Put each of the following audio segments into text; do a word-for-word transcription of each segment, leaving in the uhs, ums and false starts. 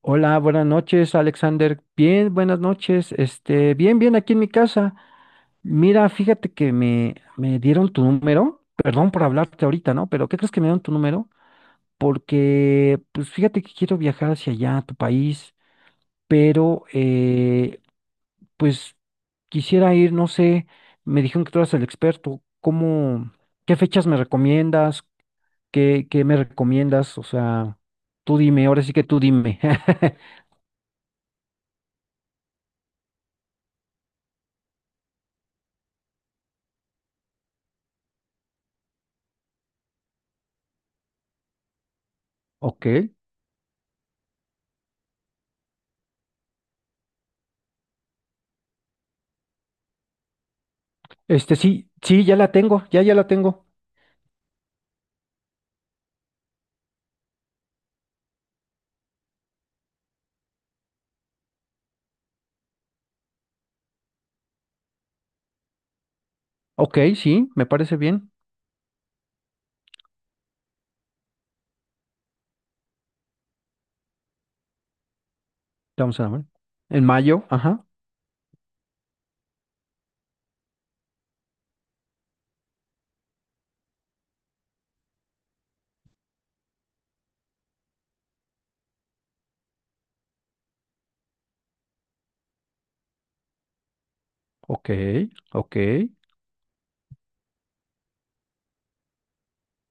Hola, buenas noches, Alexander. Bien, buenas noches. Este, bien, bien, aquí en mi casa. Mira, fíjate que me, me dieron tu número. Perdón por hablarte ahorita, ¿no? Pero ¿qué crees que me dieron tu número? Porque, pues fíjate que quiero viajar hacia allá, a tu país, pero, eh, pues quisiera ir, no sé, me dijeron que tú eras el experto. ¿Cómo, qué fechas me recomiendas? ¿Qué, qué me recomiendas? O sea, tú dime, ahora sí que tú dime. Ok. Este sí, sí, ya la tengo, ya, ya la tengo. Ok, sí, me parece bien. Vamos a ver. En mayo, ajá. Ok, ok.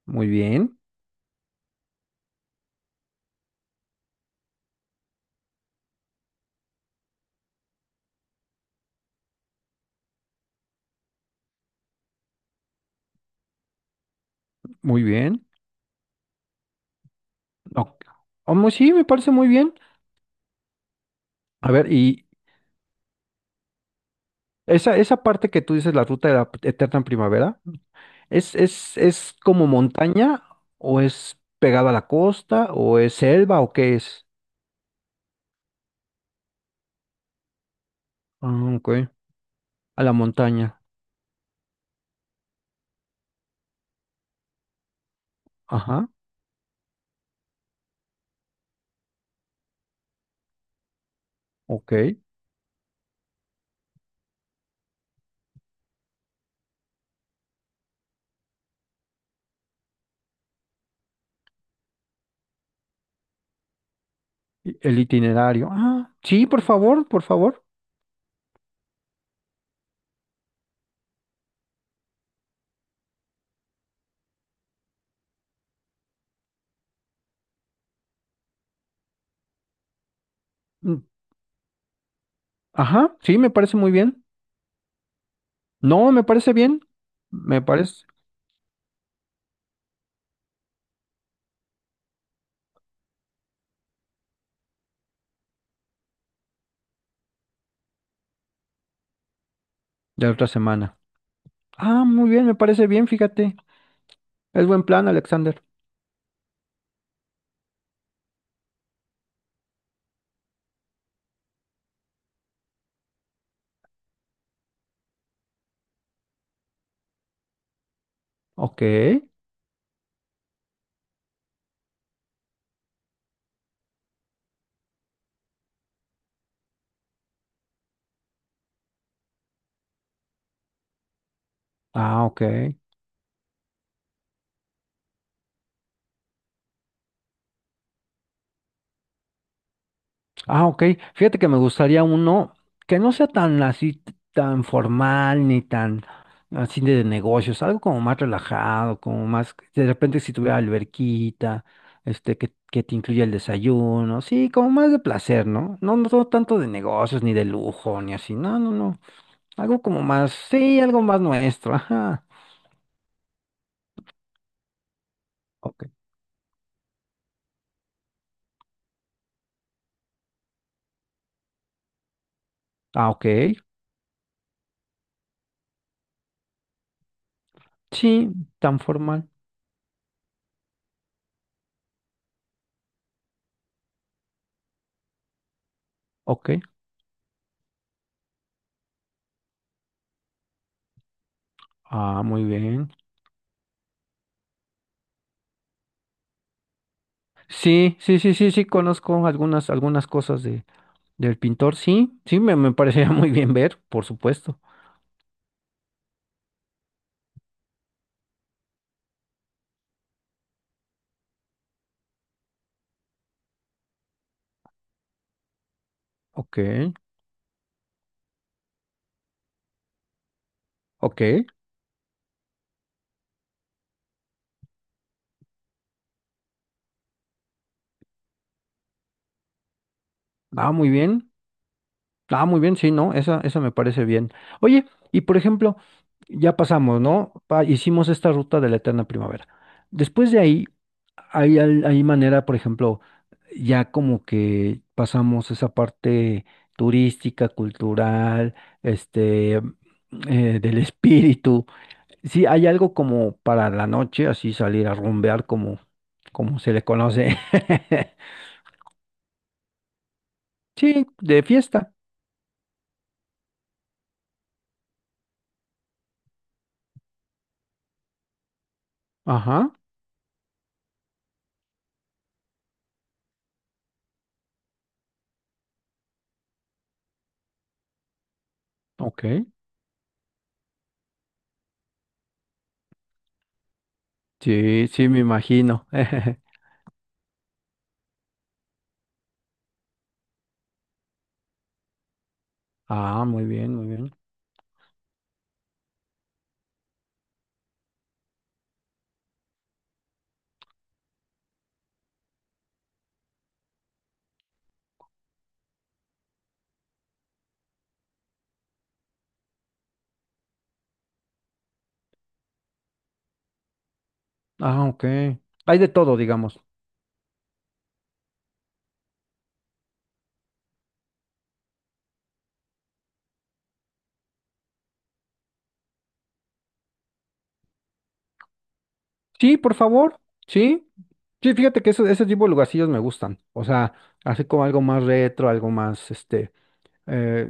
Muy bien, muy bien. Ok. Oh, mu- sí, me parece muy bien. A ver, y esa, esa parte que tú dices, la ruta de la eterna primavera, ¿es, es, es como montaña o es pegada a la costa o es selva o qué es? Ah, ok. A la montaña. Ajá, ok. Y el itinerario. Ah, sí, por favor, por favor. Ajá, sí, me parece muy bien. No, me parece bien. Me parece de otra semana. Ah, muy bien, me parece bien, fíjate. Es buen plan, Alexander. Ok. Ah, ok. Ah, ok. Fíjate que me gustaría uno que no sea tan así, t- tan formal, ni tan así de negocios, algo como más relajado, como más, de repente si tuviera alberquita, este, que, que te incluya el desayuno, sí, como más de placer, ¿no? No, no no tanto de negocios, ni de lujo, ni así, no, no, no. Algo como más, sí, algo más nuestro, ajá. Ok. Ah, ok. Sí, tan formal. Ok. Ah, muy bien. Sí, sí, sí, sí, sí, conozco algunas, algunas cosas de, del pintor. Sí, sí, me, me parecería muy bien ver, por supuesto. Ok, ok. Ah, muy bien. Ah, muy bien, sí, ¿no? Esa, esa me parece bien. Oye, y por ejemplo, ya pasamos, ¿no? Pa- hicimos esta ruta de la eterna primavera. Después de ahí, hay, al- hay manera, por ejemplo, ya como que pasamos esa parte turística, cultural, este, eh, del espíritu. Sí, hay algo como para la noche, así salir a rumbear como, como se le conoce. Sí, de fiesta. Ajá, ok. Sí, sí, me imagino. Ah, muy bien, muy bien. Ah, ok. Hay de todo, digamos. Sí, por favor. Sí. Sí, fíjate que eso, ese tipo de lugarcillos me gustan. O sea, así como algo más retro, algo más, este, eh,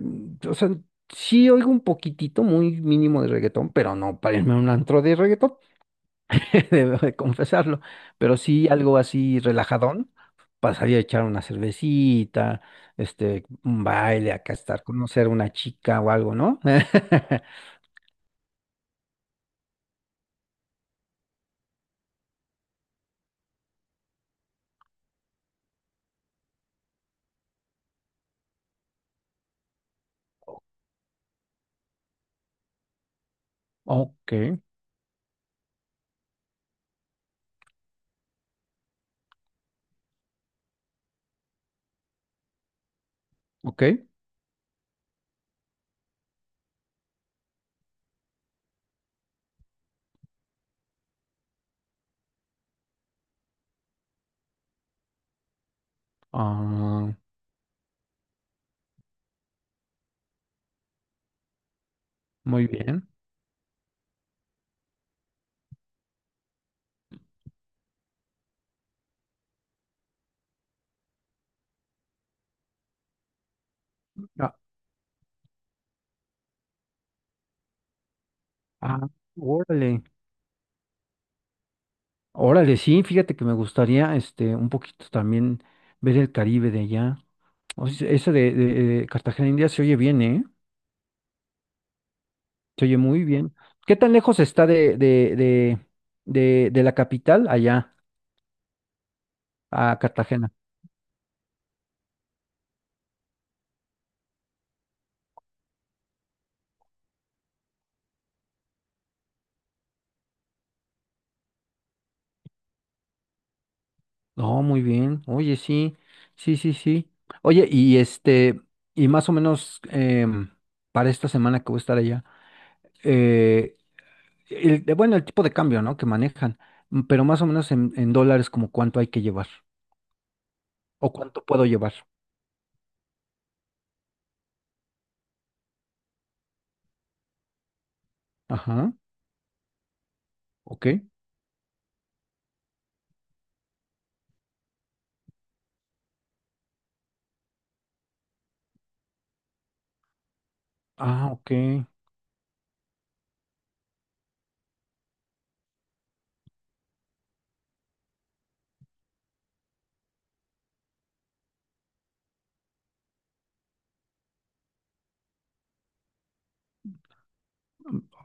o sea, sí oigo un poquitito, muy mínimo de reggaetón, pero no para irme a un antro de reggaetón. Debo de confesarlo, pero sí algo así relajadón, pasaría a echar una cervecita, este, un baile, acá estar, conocer una chica o algo, ¿no? Ok, ok, ah, muy bien. Ah, ah, órale, órale, sí, fíjate que me gustaría, este, un poquito también ver el Caribe de allá. O sea, ese de, de- de Cartagena India se oye bien, ¿eh? Se oye muy bien. ¿Qué tan lejos está de, de, de, de, de la capital allá? A Cartagena. No, muy bien. Oye, sí, sí, sí, sí. Oye, y este, y más o menos em, para esta semana que voy a estar allá, eh, el, de- bueno, el tipo de cambio, ¿no? Que manejan, mm, pero más o menos en, en dólares, como cuánto hay que llevar o cuánto puedo llevar. Ajá, ok. Ah, ok.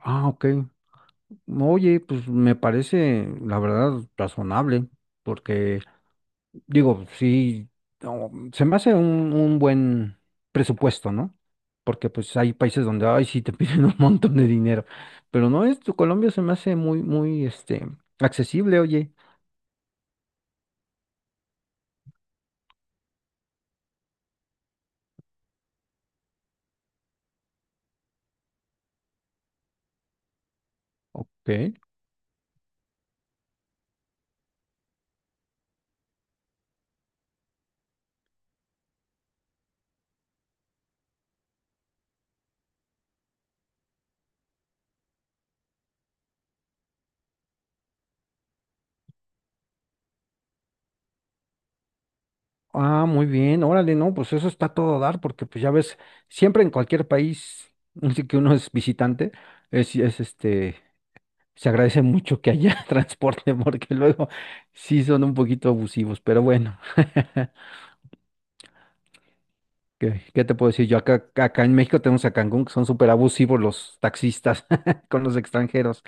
Ah, ok. Oye, pues me parece, la verdad, razonable, porque digo, sí, no, se me hace un, un buen presupuesto, ¿no? Porque pues hay países donde, ay, sí, te piden un montón de dinero. Pero no, esto, Colombia se me hace muy, muy, este, accesible, oye. Ok. Ah, muy bien, órale, no, pues eso está a todo dar, porque pues ya ves, siempre en cualquier país, así que uno es visitante, es, es este, se agradece mucho que haya transporte, porque luego sí son un poquito abusivos, pero bueno. ¿Qué, qué te puedo decir? Yo acá, acá en México tenemos a Cancún, que son súper abusivos los taxistas con los extranjeros.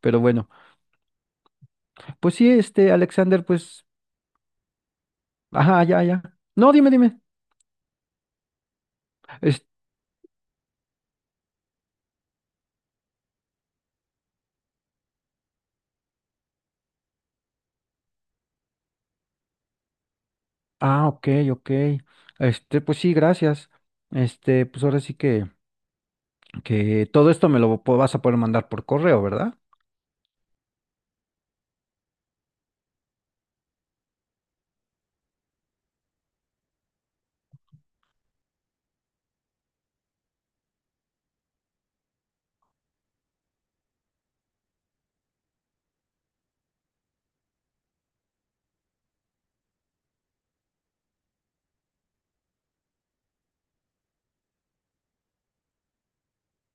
Pero bueno, pues sí, este, Alexander, pues, ajá, ya, ya. No, dime, dime. Es- ah, ok, ok. Este, pues sí, gracias. Este, pues ahora sí que, que todo esto me lo po- vas a poder mandar por correo, ¿verdad?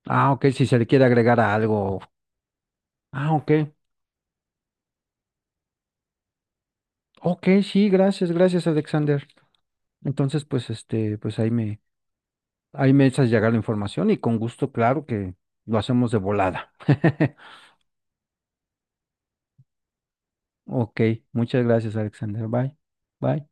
Ah, ok, si se le quiere agregar a algo. Ah, ok. Ok, sí, gracias, gracias, Alexander. Entonces, pues, este, pues ahí me, ahí me echas llegar la información y con gusto, claro que lo hacemos de volada. Ok, muchas gracias, Alexander. Bye. Bye.